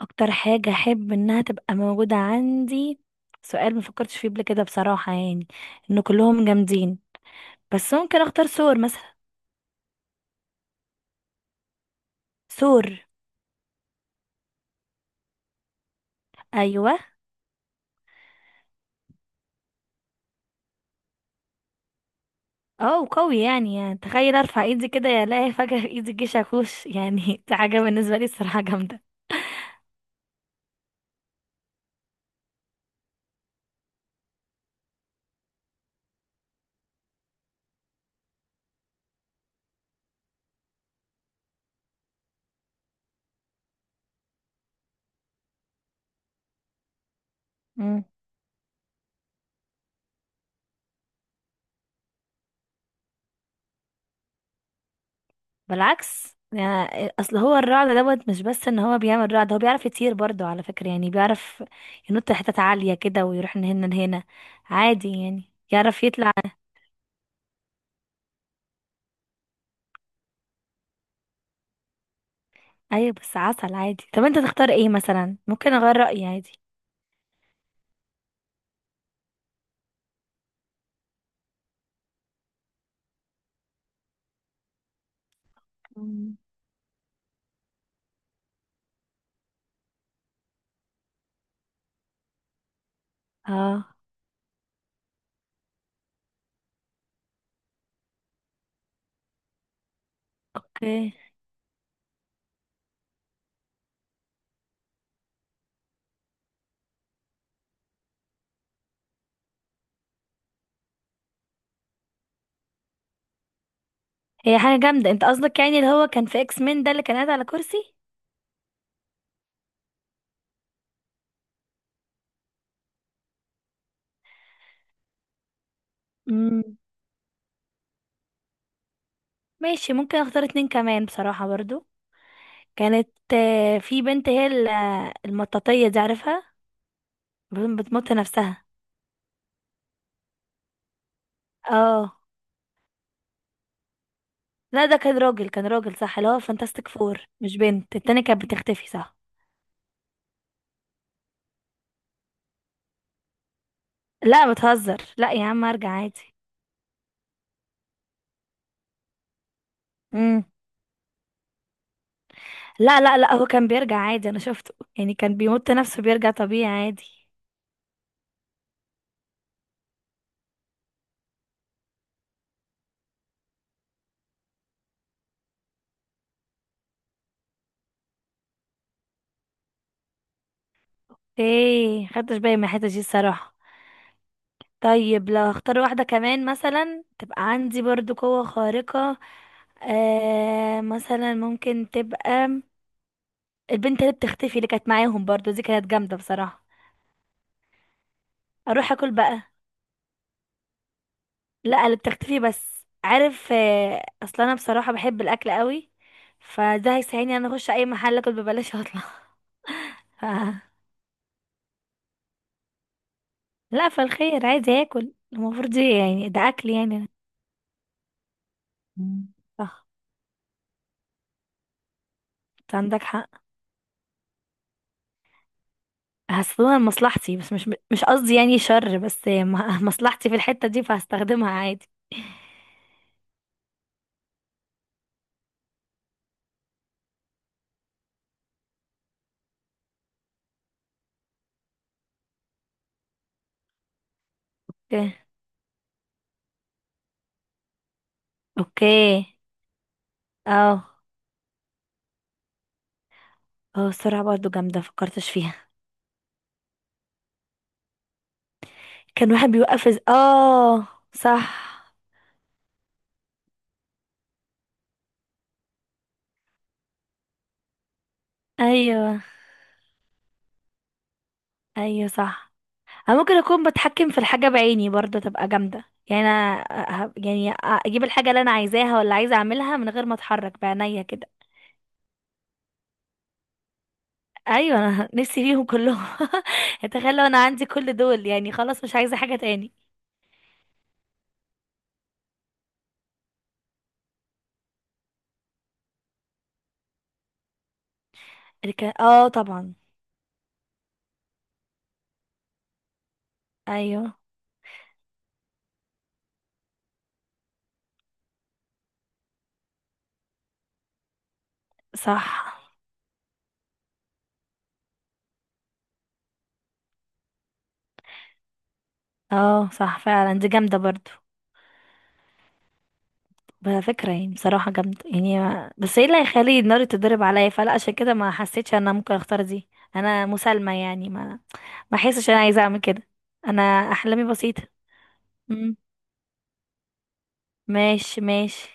اكتر حاجة احب انها تبقى موجودة عندي. سؤال ما فكرتش فيه قبل كده بصراحة، يعني ان كلهم جامدين، بس ممكن اختار سور مثلا. سور. ايوه. اه وقوي يعني تخيل ارفع ايدي كده يا الاقي فجأة في ايدي الجيش اخوش يعني دي حاجة بالنسبة لي الصراحة جامدة. مم. بالعكس يعني، اصل هو الرعد دوت مش بس ان هو بيعمل رعد، هو بيعرف يطير برضه على فكرة، يعني بيعرف ينط لحتت عالية كده ويروح من هنا لهنا عادي يعني. يعرف يطلع. ايوه بس عسل عادي. طب انت تختار ايه مثلا؟ ممكن اغير رأيي عادي. مم. اه. اوكي. هي حاجة جامدة، انت قصدك يعني اللي هو كان في اكس مين ده اللي كان قاعد على كرسي؟ مم. ماشي. ممكن اختار اتنين كمان بصراحة برضو. كانت في بنت، هي المطاطية دي، عارفها؟ بت- بتمط نفسها. اه. لا ده كان راجل صح، اللي هو فانتاستيك فور. مش بنت؟ التانية كانت بتختفي صح. لا بتهزر، لا يا عم ارجع عادي. لا، لا، لا، هو كان بيرجع عادي، انا شفته يعني كان بيمط نفسه بيرجع طبيعي عادي. ايه، خدتش بالي من الحته دي الصراحه. طيب لو هختار واحده كمان مثلا تبقى عندي برضو قوه خارقه، آه مثلا ممكن تبقى البنت اللي بتختفي اللي كانت معاهم برضو، دي كانت جامده بصراحه. اروح اكل بقى. لا، اللي بتختفي بس، عارف؟ اصلا انا بصراحه بحب الاكل قوي، فده هيساعدني ان انا اخش اي محل اكل ببلاش واطلع. لا، فالخير عايز ياكل المفروض، دي يعني ده اكل يعني. مم. صح. انت عندك حق. هستخدمها لمصلحتي بس، مش قصدي يعني شر، مصلحتي في الحتة دي، فهستخدمها عادي. اوكي. اوكي. اه. اه السرعة برضو جامدة، مفكرتش فيها. كان واحد بيوقف اه صح. ايوه، ايوه صح. انا ممكن اكون بتحكم في الحاجة بعيني برضو، تبقى جامدة. يعني انا يعني اجيب الحاجة اللي انا عايزاها ولا عايزة اعملها من غير ما اتحرك بعينيا كده. ايوه، انا نفسي فيهم كلهم. اتخيل لو انا عندي كل دول، يعني خلاص مش عايزه حاجه تاني. اه طبعا. ايوه صح. اه صح فعلا، دي جامده برضو. بقى فكره يعني بصراحه جامده، يعني بس ايه اللي هيخلي النار تتضرب عليا؟ فلا، عشان كده ما حسيتش انا ممكن اختار دي. انا مسالمه يعني، ما احسش انا عايزه اعمل كده. انا احلامي بسيطه. مم. ماشي، ماشي.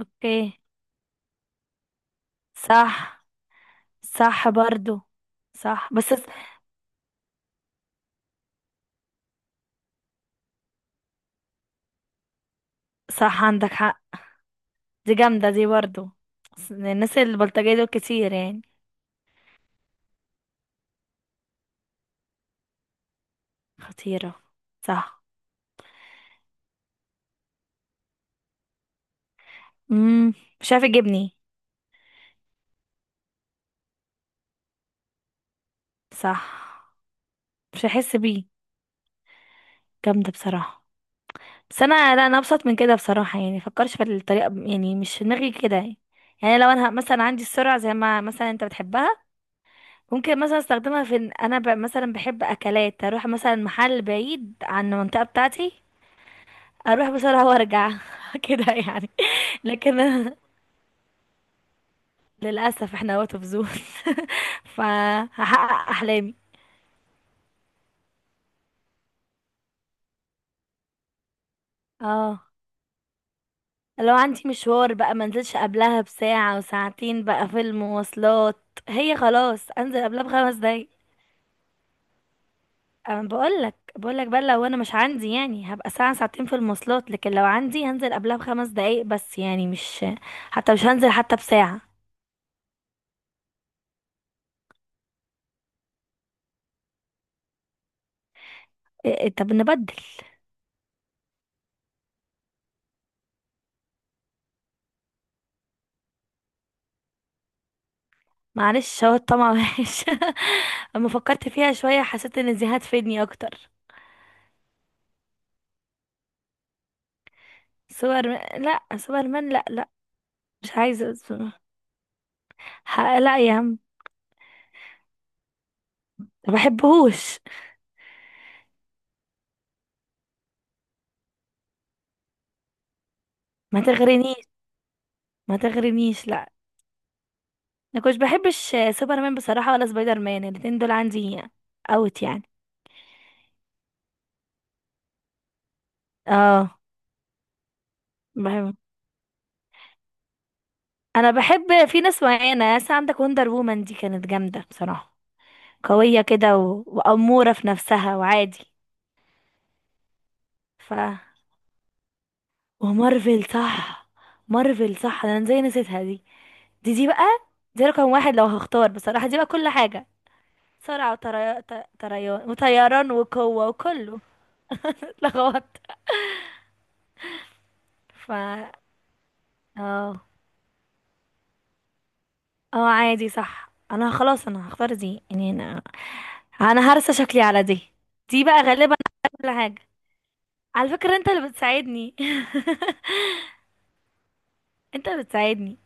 اوكي. صح. صح برضو. صح بس. صح عندك حق. دي جامدة دي برضو. أصل الناس البلطجية دول كتير يعني. خطيرة. صح. امم مش عارف يجيبني. صح. مش هحس بيه، جامدة بصراحة. بس انا، لا، انا ابسط من كده بصراحة، يعني مفكرش في الطريقة يعني مش في دماغي كده يعني. يعني لو انا مثلا عندي السرعة زي ما مثلا انت بتحبها، ممكن مثلا استخدمها في إن انا مثلا بحب اكلات، اروح مثلا محل بعيد عن المنطقة بتاعتي، اروح بسرعة وارجع. كده يعني. لكن للأسف احنا اوت اوف زون. فهحقق أحلامي. اه، لو عندي مشوار بقى منزلش قبلها بساعة وساعتين بقى في المواصلات. هي خلاص انزل قبلها ب5 دقايق. انا بقولك، بقولك بقى، لو انا مش عندي يعني هبقى ساعة ساعتين في المواصلات، لكن لو عندي هنزل قبلها ب5 دقايق بس يعني مش، حتى مش هنزل حتى بساعة. إيه، إيه، طب نبدل. معلش، هو الطمع وحش. اما فكرت فيها شوية حسيت ان دي هتفيدني اكتر. سوبر لا، سوبر مان، لا، لا. مش عايزة أسمع. لا يا عم. ما بحبهوش. ما تغرنيش، ما تغرنيش لا. انا كنتش بحبش سوبرمان بصراحة، ولا سبايدر مان، الاتنين دول عندي اوت يعني. اه. بحب انا بحب في ناس معينة، ناس عندك، وندر وومن دي كانت جامدة بصراحة، قوية كده و... وأمورة في نفسها وعادي. ف ومارفل صح. مارفل صح، انا ازاي نسيتها دي؟ دي بقى. دي رقم واحد لو هختار بصراحة، دي بقى كل حاجة. سرعة طريان وطيران وقوة وكله. لغوت. اه، اه عادي صح. انا خلاص، انا هختار دي يعني، انا هرسى شكلي على دي. دي بقى غالبا على كل حاجة. على فكرة انت اللي بتساعدني. انت اللي بتساعدني.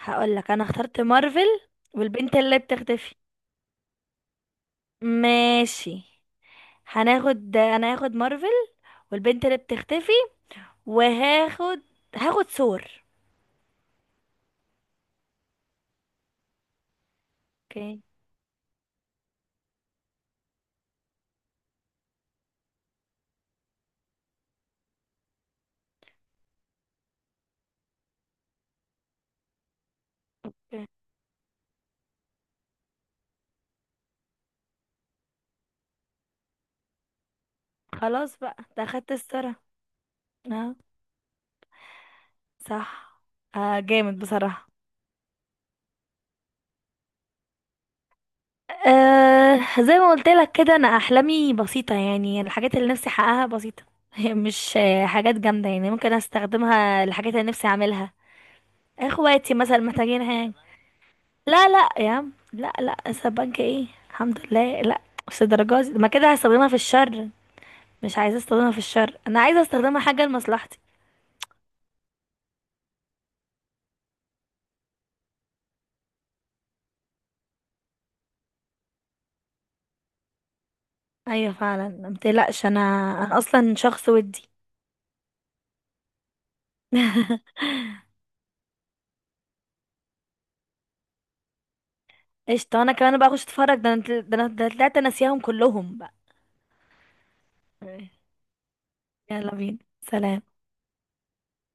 هقول لك، انا اخترت مارفل. والبنت اللي بتختفي. ماشي. انا هاخد مارفل. والبنت اللي بتختفي، وهاخد ثور. اوكي. خلاص بقى، انت اخدت السرعة. اه صح. آه جامد بصراحة. آه زي ما قلت لك كده، انا احلامي بسيطة يعني. الحاجات اللي نفسي احققها بسيطة. هي مش حاجات جامدة يعني، ممكن استخدمها الحاجات اللي نفسي اعملها. اخواتي مثلا محتاجين حاجة. لا، لا يا عم، لا، لا، السبانكة ايه الحمد لله، لا. مش الدرجة دي، ما كده هستخدمها في الشر. مش عايزة استخدمها في الشر، انا عايزة استخدمها حاجة لمصلحتي. ايوه فعلا متقلقش انا. انا اصلا شخص ودي. قشطة، انا كمان بقى اخش اتفرج، ده انا ده انا ده أنا طلعت ناسياهم كلهم بقى. يلا بينا، سلام.